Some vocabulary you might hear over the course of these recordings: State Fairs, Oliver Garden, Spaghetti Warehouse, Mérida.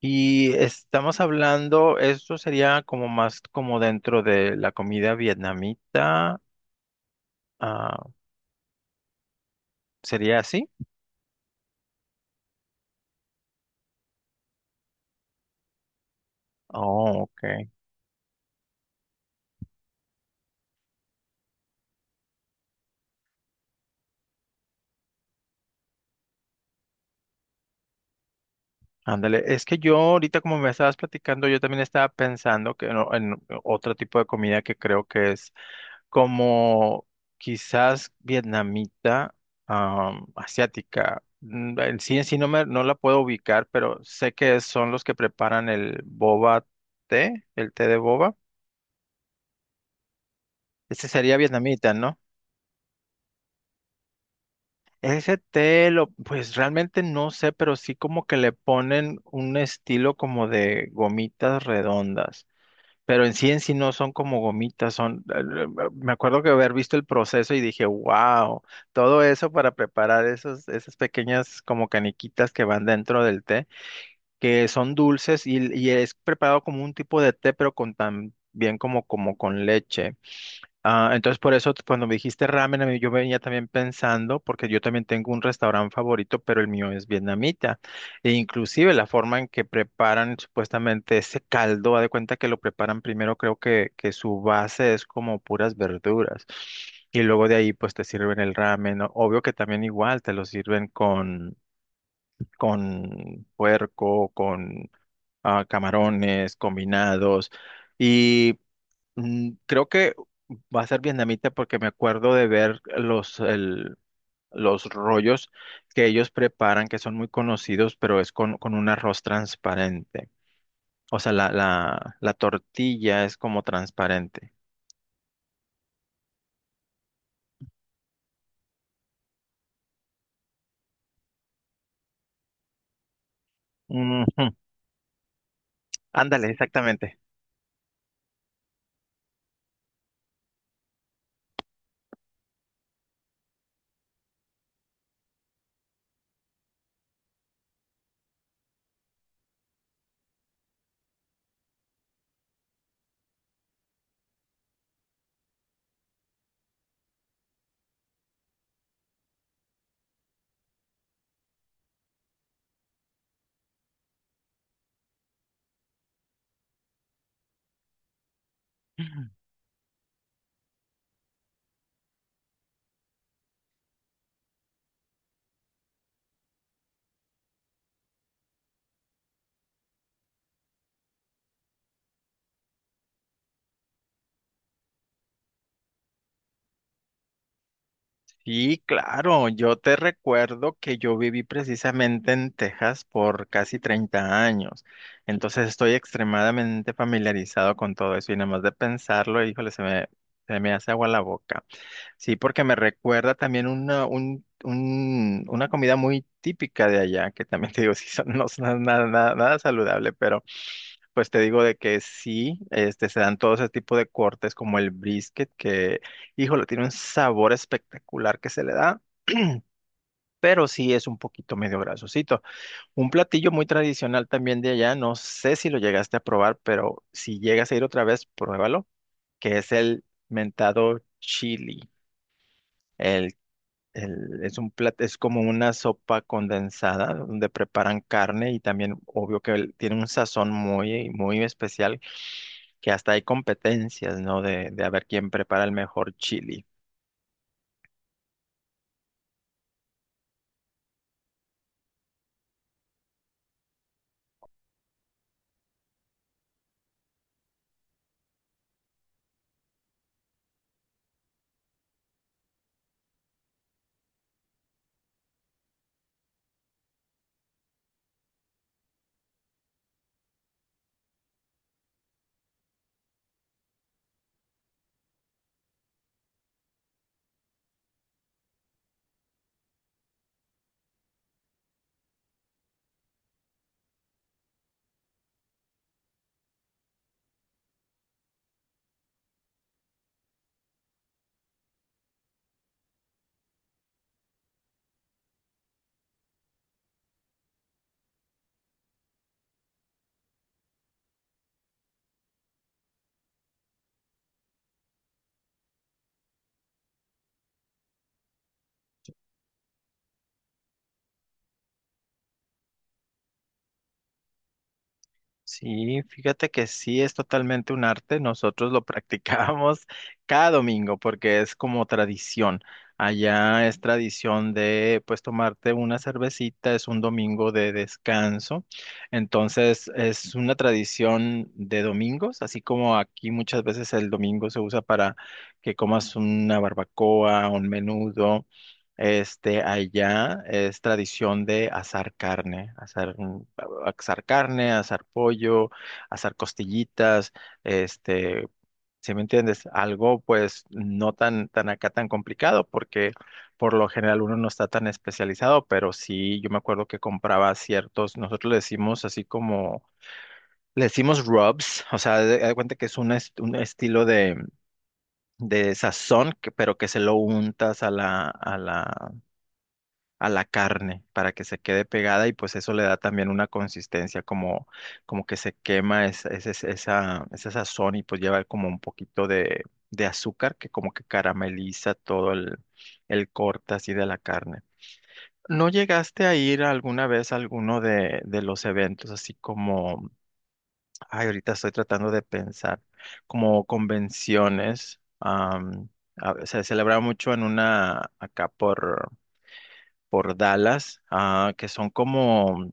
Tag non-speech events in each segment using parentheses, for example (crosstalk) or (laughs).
Y estamos hablando, esto sería como más como dentro de la comida vietnamita, ah, ¿sería así? Oh, ok. Ándale, es que yo ahorita como me estabas platicando, yo también estaba pensando que no- en otro tipo de comida que creo que es como quizás vietnamita, asiática. En sí no la puedo ubicar, pero sé que son los que preparan el boba té, el té de boba. Ese sería vietnamita, ¿no? Ese té, pues realmente no sé, pero sí como que le ponen un estilo como de gomitas redondas. Pero en sí no son como gomitas, son, me acuerdo que haber visto el proceso y dije, wow, todo eso para preparar esas pequeñas como caniquitas que van dentro del té, que son dulces y es preparado como un tipo de té, pero con también como con leche. Ah, entonces por eso cuando me dijiste ramen, yo venía también pensando, porque yo también tengo un restaurante favorito, pero el mío es vietnamita. E inclusive la forma en que preparan supuestamente ese caldo, haz de cuenta que lo preparan primero, creo que su base es como puras verduras. Y luego de ahí pues te sirven el ramen, ¿no? Obvio que también igual te lo sirven con puerco, con camarones combinados. Y Creo que va a ser vietnamita porque me acuerdo de ver los rollos que ellos preparan, que son muy conocidos, pero es con un arroz transparente. O sea, la tortilla es como transparente. Ujú. Ándale, exactamente. Sí, claro, yo te recuerdo que yo viví precisamente en Texas por casi 30 años, entonces estoy extremadamente familiarizado con todo eso y nada más de pensarlo, híjole, se me hace agua la boca. Sí, porque me recuerda también una comida muy típica de allá, que también te digo, (laughs) sí, no es nada, nada saludable, pero pues te digo de que sí, este, se dan todo ese tipo de cortes como el brisket, que, híjole, tiene un sabor espectacular que se le da, pero sí es un poquito medio grasosito. Un platillo muy tradicional también de allá, no sé si lo llegaste a probar, pero si llegas a ir otra vez, pruébalo, que es el mentado chili. El, es como una sopa condensada donde preparan carne y también obvio que tiene un sazón muy, muy especial, que hasta hay competencias, ¿no? De a ver quién prepara el mejor chili. Sí, fíjate que sí es totalmente un arte. Nosotros lo (laughs) practicamos cada domingo porque es como tradición. Allá es tradición de pues tomarte una cervecita, es un domingo de descanso. Entonces es una tradición de domingos, así como aquí muchas veces el domingo se usa para que comas una barbacoa, un menudo. Este, allá es tradición de asar carne, asar carne, asar pollo, asar costillitas, este, si me entiendes, algo pues no tan, tan acá tan complicado, porque por lo general uno no está tan especializado, pero sí, yo me acuerdo que compraba ciertos, nosotros le decimos así como, le decimos rubs, o sea, de, haz de cuenta que es un estilo de sazón, pero que se lo untas a a la carne para que se quede pegada y pues eso le da también una consistencia como, como que se quema esa sazón y pues lleva como un poquito de azúcar que como que carameliza todo el corte así de la carne. ¿No llegaste a ir alguna vez a alguno de los eventos así como, ay, ahorita estoy tratando de pensar, como convenciones? Se celebraba mucho en una, por Dallas, que son como,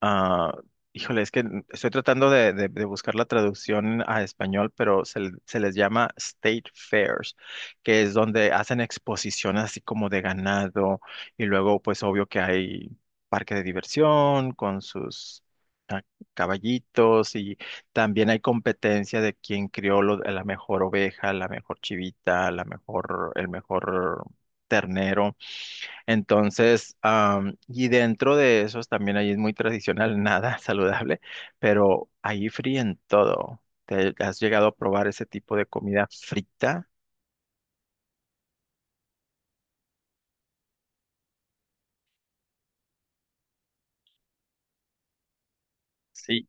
ah, híjole, es que estoy tratando de buscar la traducción a español, pero se les llama State Fairs, que es donde hacen exposiciones así como de ganado y luego pues obvio que hay parque de diversión con sus... ah, caballitos y también hay competencia de quién crió la mejor oveja, la mejor chivita, el mejor ternero. Entonces, y dentro de esos también ahí es muy tradicional, nada (laughs) saludable, pero ahí fríen todo. ¿Te has llegado a probar ese tipo de comida frita? Sí.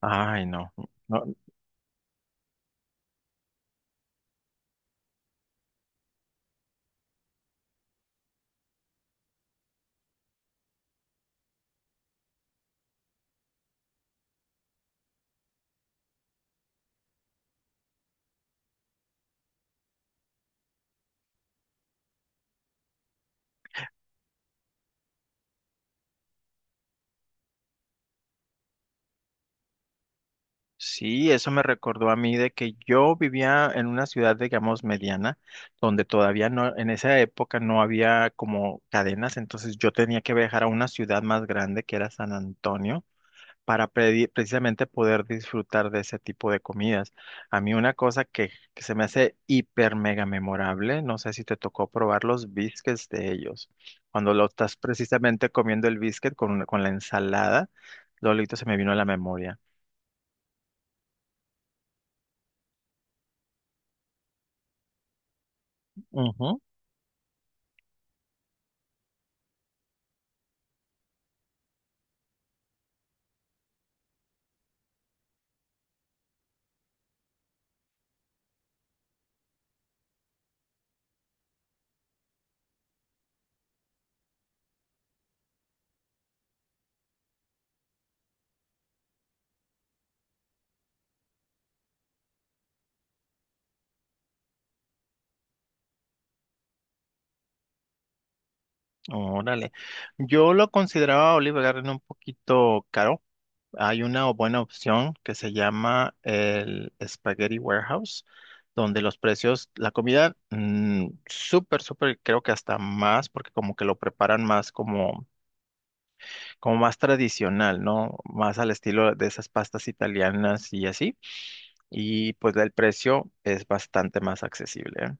Ay, no. No, sí, eso me recordó a mí de que yo vivía en una ciudad, digamos, mediana, donde todavía no, en esa época no había como cadenas, entonces yo tenía que viajar a una ciudad más grande que era San Antonio para precisamente poder disfrutar de ese tipo de comidas. A mí una cosa que se me hace hiper mega memorable, no sé si te tocó probar los biscuits de ellos. Cuando lo estás precisamente comiendo el biscuit con la ensalada, Lolito se me vino a la memoria. Ujú. Órale. Yo lo consideraba Oliver Garden un poquito caro. Hay una buena opción que se llama el Spaghetti Warehouse, donde los precios, la comida, mm, súper, súper, creo que hasta más, porque como que lo preparan más como, como más tradicional, ¿no? Más al estilo de esas pastas italianas y así. Y pues el precio es bastante más accesible, ¿eh?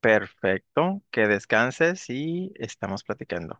Perfecto, que descanses y estamos platicando.